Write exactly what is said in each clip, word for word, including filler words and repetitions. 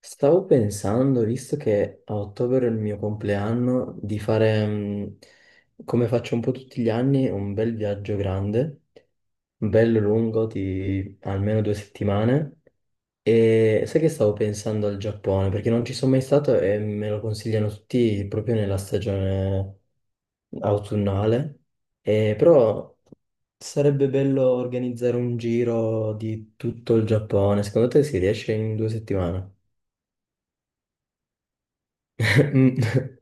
Stavo pensando, visto che a ottobre è il mio compleanno, di fare, mh, come faccio un po' tutti gli anni, un bel viaggio grande, bello lungo, di almeno due settimane. E sai che stavo pensando al Giappone, perché non ci sono mai stato e me lo consigliano tutti proprio nella stagione autunnale. E però sarebbe bello organizzare un giro di tutto il Giappone. Secondo te si riesce in due settimane?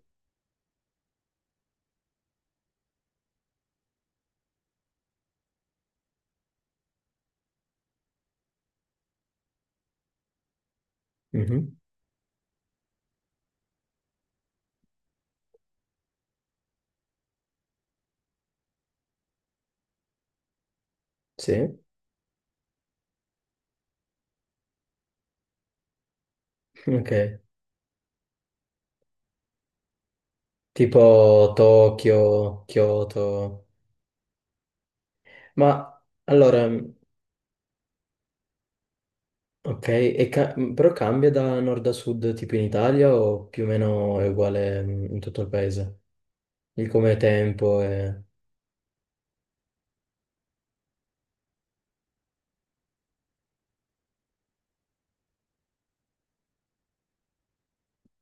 Mhm. Sì. Ok, tipo Tokyo, Kyoto. Ma allora, mh, ok, e ca- mh, però cambia da nord a sud tipo in Italia o più o meno è uguale mh, in tutto il paese? Il come tempo e...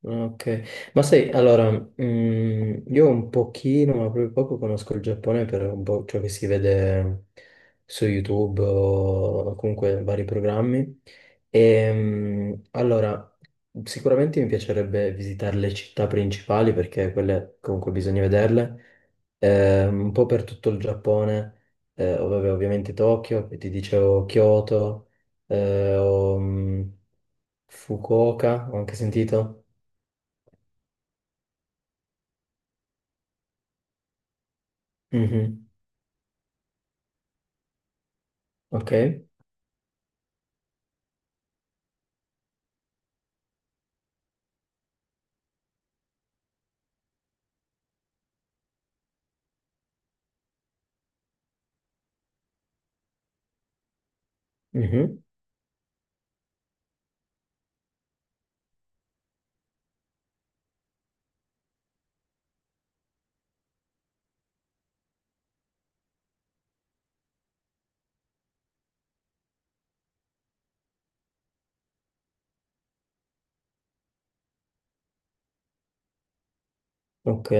Ok, ma sai, allora, mm, io un pochino, ma proprio poco conosco il Giappone per un po' ciò che si vede su YouTube o comunque vari programmi. E, mm, allora, sicuramente mi piacerebbe visitare le città principali perché quelle comunque bisogna vederle. Eh, un po' per tutto il Giappone, eh, ov- vabbè, ovviamente Tokyo, poi ti dicevo Kyoto, eh, o, mm, Fukuoka, ho anche sentito. Mhm. Ok, mhm, ok,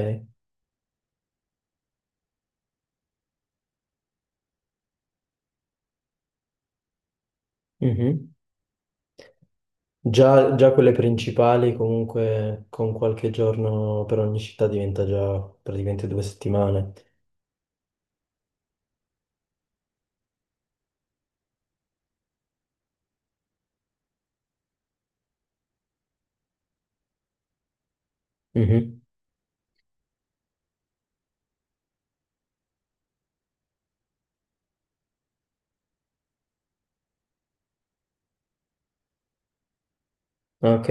mhm. Già, già quelle principali comunque con qualche giorno per ogni città diventa già praticamente due settimane. Mhm. Ok,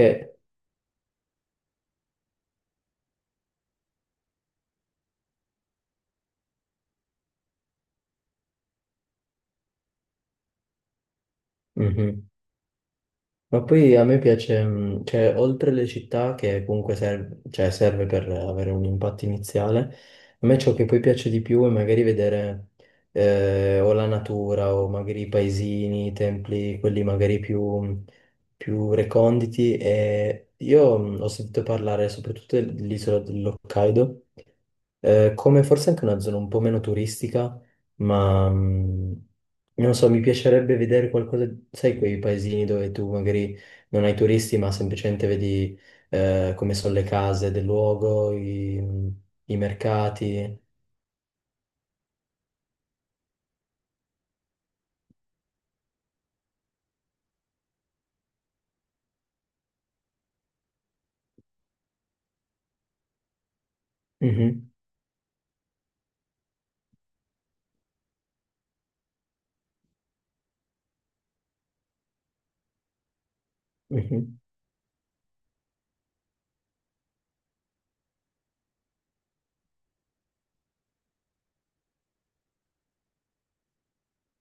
mhm. Ma poi a me piace, mh, cioè, oltre le città, che comunque serve, cioè, serve per avere un impatto iniziale, a me ciò che poi piace di più è magari vedere eh, o la natura o magari i paesini, i templi, quelli magari più, più reconditi. E io mh, ho sentito parlare soprattutto dell'isola dell'Hokkaido, eh, come forse anche una zona un po' meno turistica, ma mm, non so, mi piacerebbe vedere qualcosa, sai, quei paesini dove tu magari non hai turisti, ma semplicemente vedi eh, come sono le case del luogo, i, i mercati. Mhm, mhm.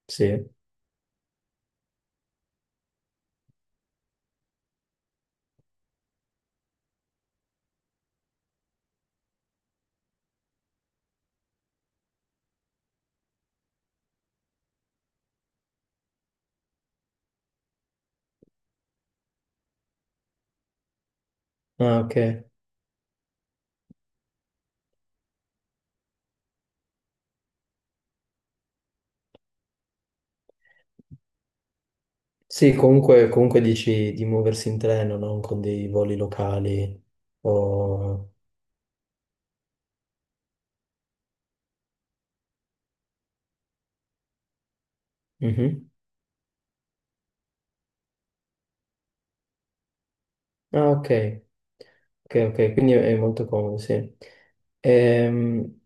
Sì, ah, ok. Sì, comunque, comunque dici di muoversi in treno, non con dei voli locali o... Mhm. Ah, ok. Ok, ok, quindi è molto comodo, sì. Ehm,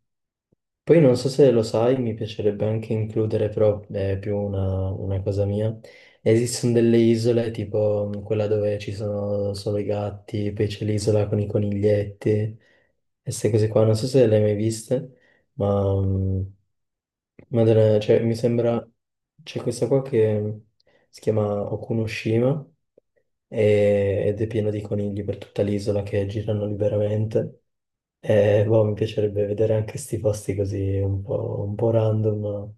poi non so se lo sai, mi piacerebbe anche includere, però è più una, una cosa mia. Esistono delle isole, tipo mh, quella dove ci sono solo i gatti, poi c'è l'isola con i coniglietti, e queste cose qua. Non so se le hai mai viste, ma mh, madonna, cioè, mi sembra... C'è questa qua che si chiama Okunoshima, e- ed è pieno di conigli per tutta l'isola che girano liberamente. E boh, mi piacerebbe vedere anche sti posti così un po', un po' random. ma-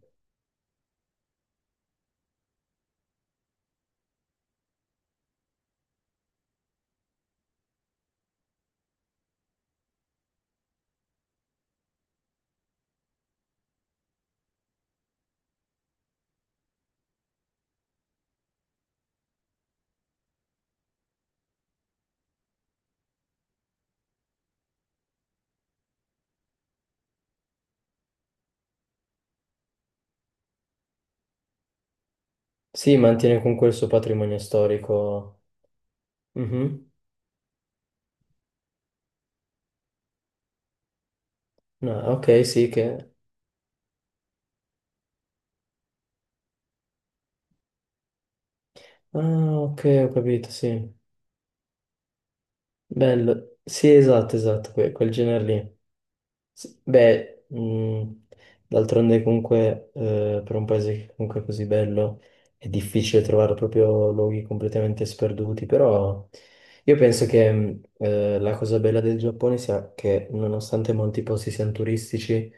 Sì, mantiene comunque il suo patrimonio storico. Mhm. No, ok, sì, che... Ah, ok, ho capito, sì. Bello. Sì, esatto, esatto, que- quel genere lì. Sì, beh, mh, d'altronde comunque eh, per un paese che comunque è così bello è difficile trovare proprio luoghi completamente sperduti, però io penso che mh, eh, la cosa bella del Giappone sia che nonostante molti posti siano turistici,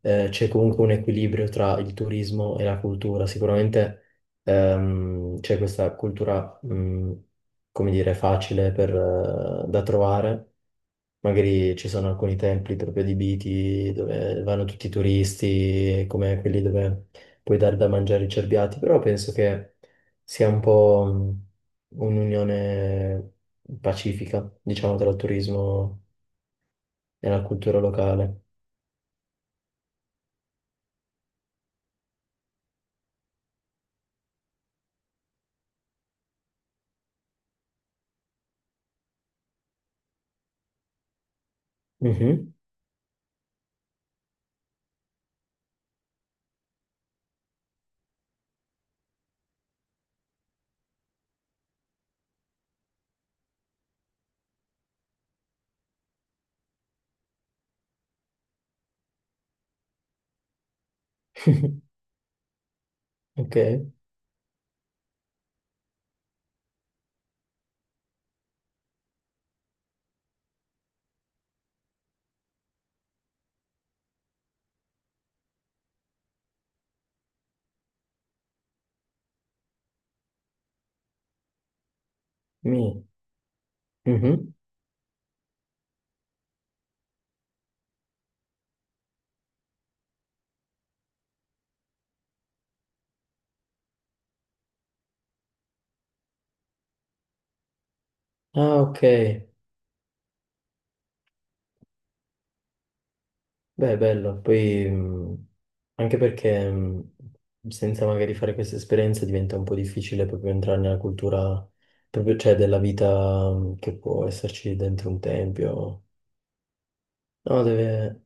eh, c'è comunque un equilibrio tra il turismo e la cultura. Sicuramente ehm, c'è questa cultura, mh, come dire, facile per, eh, da trovare. Magari ci sono alcuni templi proprio adibiti dove vanno tutti i turisti, come quelli dove puoi dare da mangiare i cerbiati, però penso che sia un po' mh, un'unione pacifica, diciamo, tra il turismo e la cultura locale. Mhm. Ok. Mi. Mhm. Ah, ok. Beh, bello. Poi, mh, anche perché mh, senza magari fare queste esperienze diventa un po' difficile proprio entrare nella cultura, proprio, cioè, della vita mh, che può esserci dentro un tempio. No, deve...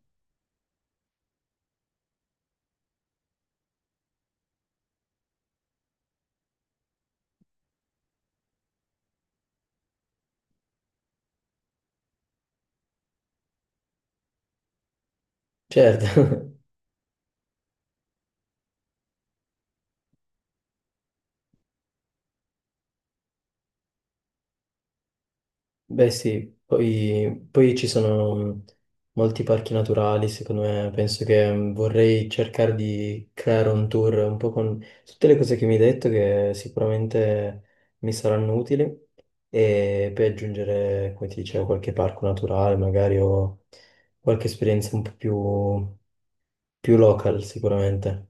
Certo, Beh sì, poi, poi ci sono mh, molti parchi naturali, secondo me, penso che mh, vorrei cercare di creare un tour un po' con tutte le cose che mi hai detto che sicuramente mi saranno utili e poi aggiungere, come ti dicevo, qualche parco naturale, magari o qualche esperienza un po' più, più local sicuramente.